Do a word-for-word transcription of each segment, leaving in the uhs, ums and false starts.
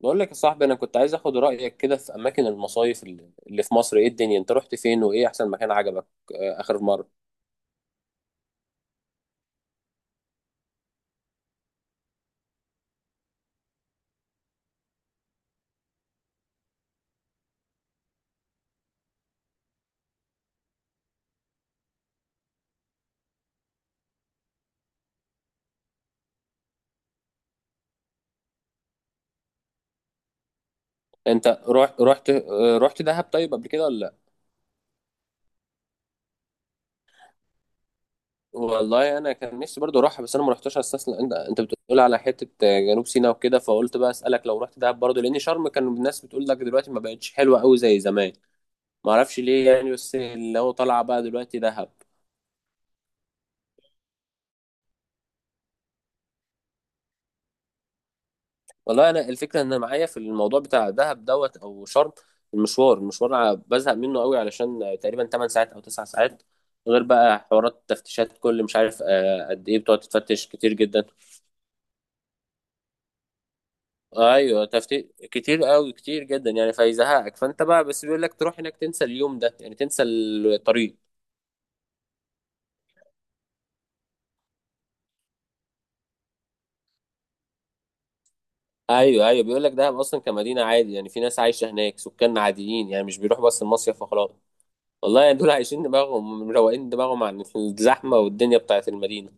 بقول لك يا صاحبي، انا كنت عايز اخد رايك كده في اماكن المصايف اللي اللي في مصر. ايه الدنيا؟ انت رحت فين وايه احسن مكان عجبك؟ آه، اخر مره انت رحت رحت آه، رحت دهب طيب قبل كده ولا لا؟ والله انا كان نفسي برضو اروحها، بس انا ما رحتش استسلم. انت انت بتقول على حته آه، جنوب سيناء وكده، فقلت بقى اسالك لو رحت دهب برضو، لان شرم كان الناس بتقول لك دلوقتي ما بقتش حلوه قوي زي زمان. ما اعرفش ليه يعني، بس اللي هو طالعه بقى دلوقتي دهب. والله انا الفكره ان انا معايا في الموضوع بتاع دهب دوت او شرم، المشوار المشوار ع- بزهق منه قوي، علشان تقريبا 8 ساعات او 9 ساعات، غير بقى حوارات تفتيشات كل مش عارف آه، قد ايه بتقعد تفتش كتير جدا. ايوه تفتيش كتير قوي كتير جدا يعني فيزهقك. فانت بقى بس بيقول لك تروح هناك تنسى اليوم ده يعني، تنسى الطريق. ايوه ايوه، بيقول لك دهب اصلا كمدينه عادي، يعني في ناس عايشه هناك، سكان عاديين يعني، مش بيروحوا بس المصيف وخلاص. والله يعني دول عايشين دماغهم، مروقين دماغهم عن الزحمه والدنيا بتاعت المدينه.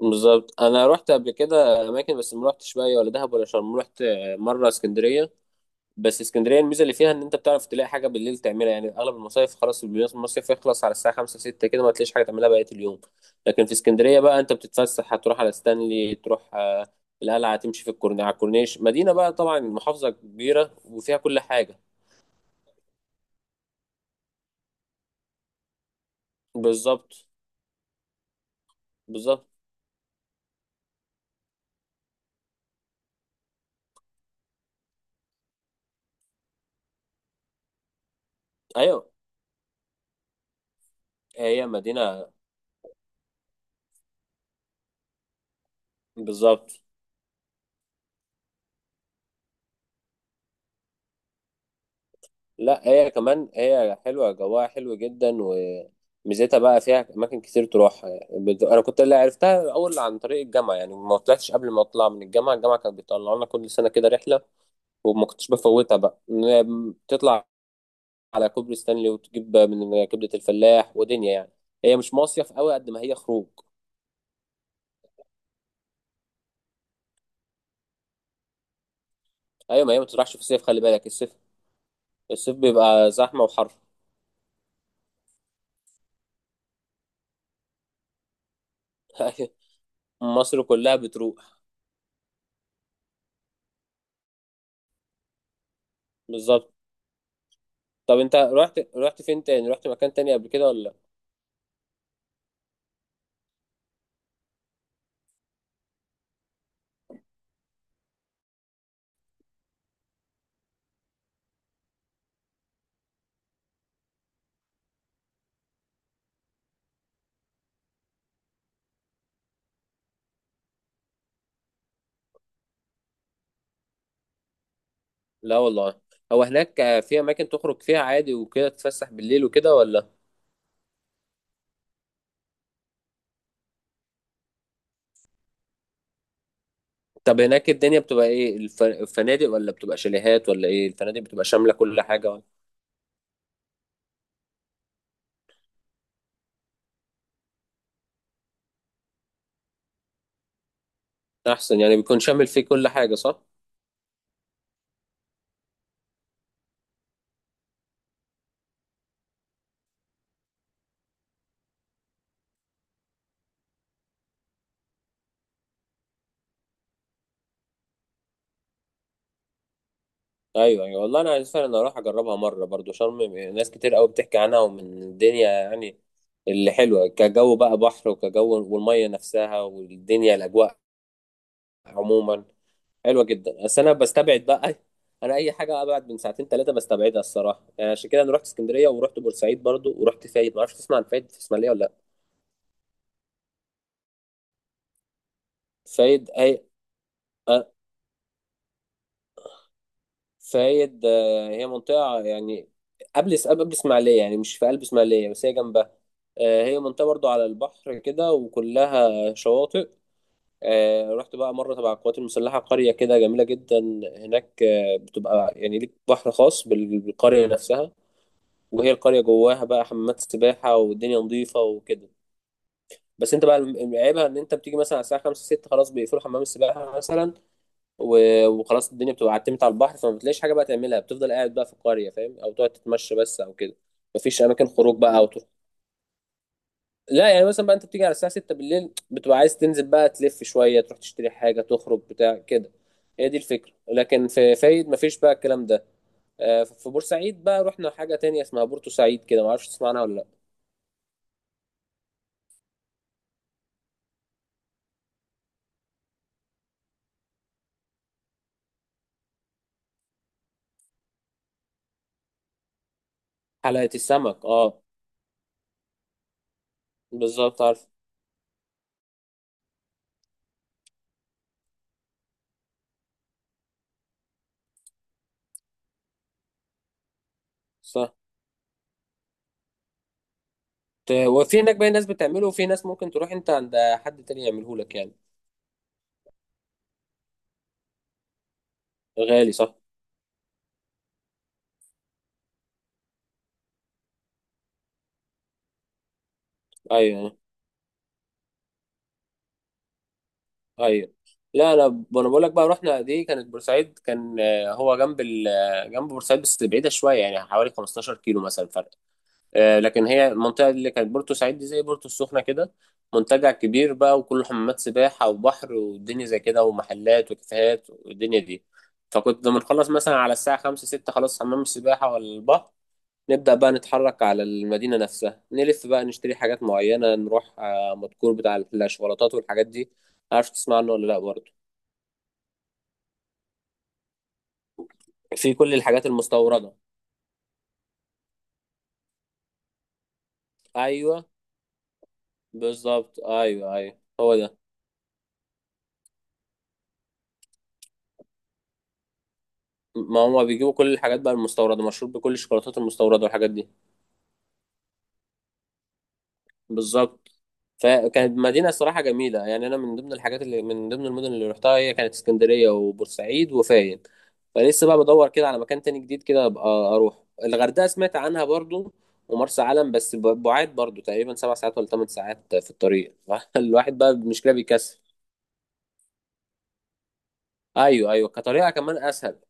بالظبط. انا رحت قبل كده اماكن، بس ما رحتش بقى ولا دهب ولا شرم. رحت مره اسكندريه. بس اسكندريه الميزه اللي فيها ان انت بتعرف تلاقي حاجه بالليل تعملها، يعني اغلب المصايف خلاص المصيف يخلص على الساعه خمسة ستة كده، ما تلاقيش حاجه تعملها بقيه اليوم. لكن في اسكندريه بقى انت بتتفسح، هتروح على ستانلي، تروح آه، القلعه، تمشي في الكورن على الكورنيش، مدينه بقى طبعا، محافظه كبيره وفيها كل حاجه. بالظبط. بالظبط ايوه. هي مدينه. بالظبط. لا هي كمان هي حلوة جواها حلو جدا، وميزتها بقى فيها أماكن كتير تروحها. بت- أنا كنت اللي عرفتها الأول عن طريق الجامعة، يعني ما طلعتش قبل ما أطلع من الجامعة. الجامعة كانت بتطلع لنا كل سنة كده رحلة، وما كنتش بفوتها بقى. إن- تطلع على كوبري ستانلي وتجيب من كبدة الفلاح ودنيا يعني. هي مش مصيف قوي قد ما هي خروج. أيوة، ما هي ما تروحش في الصيف، خلي بالك الصيف. الصيف بيبقى زحمة وحر. أيوة، مصر كلها بتروح. بالظبط. طب أنت رحت رحت فين تاني؟ رحت مكان تاني قبل كده ولا لا؟ والله. هو هناك آه، في اماكن تخرج فيها عادي وكده، تتفسح بالليل وكده ولا؟ طب هناك الدنيا بتبقى ايه؟ الف- الفنادق ولا بتبقى شاليهات ولا ايه؟ الفنادق بتبقى شامله كل حاجه ولا؟ احسن يعني بيكون شامل فيه كل حاجه، صح؟ ايوه ايوه، والله انا عايز فعلا اروح اجربها مره برضو شرم، ناس كتير قوي بتحكي عنها، ومن الدنيا يعني اللي حلوه كجو بقى، بحر وكجو والميه نفسها والدنيا الاجواء عموما حلوه جدا. بس انا بستبعد بقى، انا اي حاجه ابعد من ساعتين ثلاثه بستبعدها الصراحه يعني. عشان كده انا رحت اسكندريه ورحت بورسعيد برضو ورحت فايد. ما اعرفش تسمع عن فايد في اسماعيليه ولا لا؟ فايد اي. أه، فايد آه، هي منطقه يعني قبل قبل اسماعيليه، يعني مش في قلب اسماعيليه، بس هي جنبها. آه، هي منطقه برضو على البحر كده وكلها شواطئ. آه، رحت بقى مره تبع القوات المسلحه قريه كده جميله جدا. هناك آه، بتبقى يعني ليك بحر خاص بال- بالقريه نفسها. وهي القرية جواها بقى حمامات سباحة والدنيا نظيفة وكده. بس انت بقى الم- عيبها ان انت بتيجي مثلا على الساعة خمسة ستة خلاص بيقفلوا حمام السباحة مثلا. و- وخلاص الدنيا بتبقى عتمت على البحر، فما بتلاقيش حاجة بقى تعملها، بتفضل قاعد بقى في القرية فاهم، او تقعد تتمشى بس او كده. مفيش اماكن خروج بقى او تروح. لا يعني مثلا بقى انت بتيجي على الساعة ستة بالليل بتبقى عايز تنزل بقى، تلف شوية، تروح تشتري حاجة، تخرج بتاع كده، هي دي الفكرة. لكن في فايد مفيش بقى الكلام ده. آه، في بورسعيد بقى رحنا حاجة تانية اسمها بورتو سعيد كده، معرفش تسمعنا ولا؟ حلقة السمك اه. بالظبط عارف. صح. ت- وفي هناك باقي ناس بتعمله، وفي ناس ممكن تروح انت عند حد تاني يعمله لك يعني. غالي، صح. ايوه ايوه. أيوة. لا انا ب- انا بقول لك بقى رحنا، دي كانت بورسعيد، كان آه، هو جنب ال... آه، جنب بورسعيد بس بعيدة شوية يعني حوالي 15 كيلو مثلا. آه، لكن هي المنطقة اللي كانت بورتو سعيد دي زي بورتو السخنة كده، منتجع كبير بقى، وكله حمامات سباحة وبحر والدنيا زي كده، ومحلات وكافيهات والدنيا دي. فكنت بنخلص مثلا على الساعة خمسة ستة، خلاص حمام السباحة ولا البحر، نبدأ بقى نتحرك على المدينة نفسها، نلف بقى نشتري حاجات معينة، نروح آه، مدكور بتاع الشوكولاتات والحاجات دي. عارف تسمع عنه ولا لأ برضه؟ في كل الحاجات المستوردة. أيوه. بالظبط أيوه أيوه، هو ده. ما هما بيجيبوا كل الحاجات بقى المستورده، مشهور بكل الشوكولاتات المستورده والحاجات دي. بالظبط. فكانت مدينه الصراحه جميله يعني. انا من ضمن الحاجات اللي من ضمن المدن اللي رحتها هي كانت اسكندريه وبورسعيد وفايد. فلسه بقى بدور كده على مكان تاني جديد كده، ابقى اروح الغردقه سمعت عنها برضو ومرسى علم، بس ب- بعاد برضو، تقريبا سبع ساعات ولا ثمان ساعات في الطريق. الواحد بقى المشكله بيكسل. ايوه ايوه، كطريقه كمان اسهل.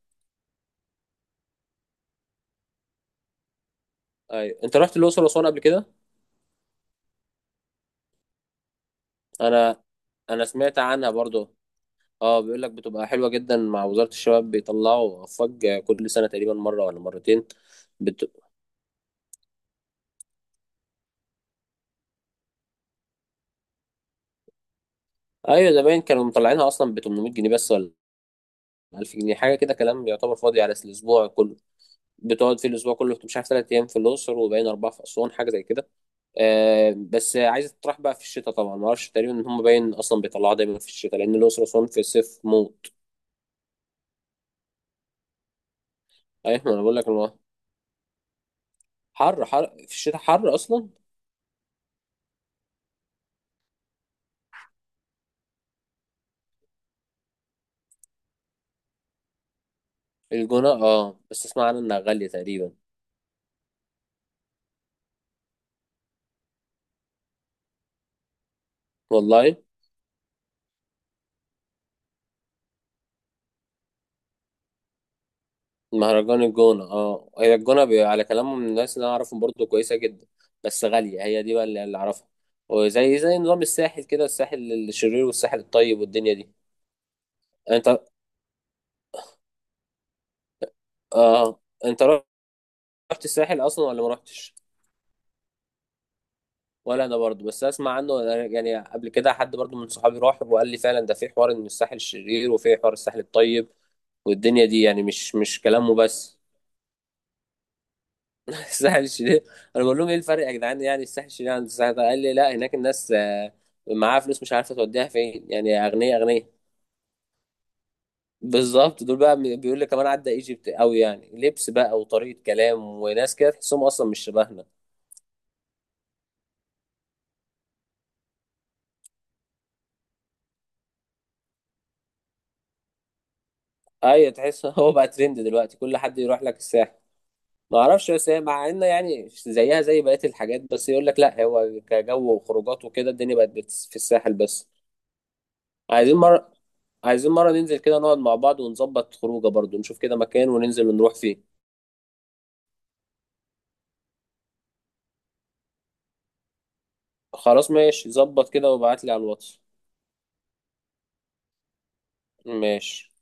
ايوه، انت رحت الاقصر واسوان قبل كده؟ انا انا سمعت عنها برضو. اه بيقول لك بتبقى حلوة جدا، مع وزارة الشباب بيطلعوا فج كل سنة تقريبا مرة ولا مرتين. بت... ايوه زمان كانوا مطلعينها اصلا ب تمنمية جنيه بس، ولا الف جنيه حاجة كده، كلام يعتبر فاضي على الاسبوع كله. بتقعد في الاسبوع كله مش عارف ثلاث ايام في الاقصر وباين اربعة في اسوان حاجة زي كده. آه بس عايزة تطرح بقى في الشتاء طبعا، ما اعرفش تقريبا ان هم باين اصلا بيطلعوها دايما في الشتاء لان الاقصر واسوان في الصيف موت. ايوه، ما انا بقول لك الموضوع. حر، حر في الشتاء حر اصلا. الجونة اه، بس اسمع عنها انها غالية تقريبا. والله. مهرجان الجونة اه، هي الجونة بي- على كلامهم من الناس اللي انا اعرفهم برضو كويسة جدا، بس غالية هي دي بقى اللي اللي اعرفها. وزي زي نظام الساحل كده، الساحل الشرير والساحل الطيب والدنيا دي. انت اه، انت رحت الساحل اصلا ولا ما رحتش؟ ولا انا برضو بس اسمع عنه. أنا يعني قبل كده حد برضو من صحابي راح وقال لي فعلا ده في حوار ان الساحل الشرير وفي حوار الساحل الطيب والدنيا دي يعني، مش مش كلامه بس. الساحل الشرير. انا بقول لهم ايه الفرق يا جدعان؟ يعني الساحل الشرير عن الساحل ده؟ قال لي لا، هناك الناس آه، معاها فلوس مش عارفه توديها فين، يعني اغنياء اغنياء. بالظبط، دول بقى بي- بيقول لي كمان عدى ايجيبت قوي يعني، لبس بقى وطريقه كلام وناس كده تحسهم اصلا مش شبهنا. ايوه، تحس. هو بقى ترند دلوقتي، كل حد يروح لك الساحل. ما اعرفش، بس هي مع ان يعني زيها زي بقيه الحاجات، بس يقول لك لا، هو كجو وخروجات وكده، الدنيا بقت بت- في الساحل بس. عايزين مره، عايزين مرة ننزل كده نقعد مع بعض ونظبط خروجه برضو، نشوف كده مكان وننزل ونروح فيه. خلاص ماشي، ظبط كده وابعتلي على الواتس. ماشي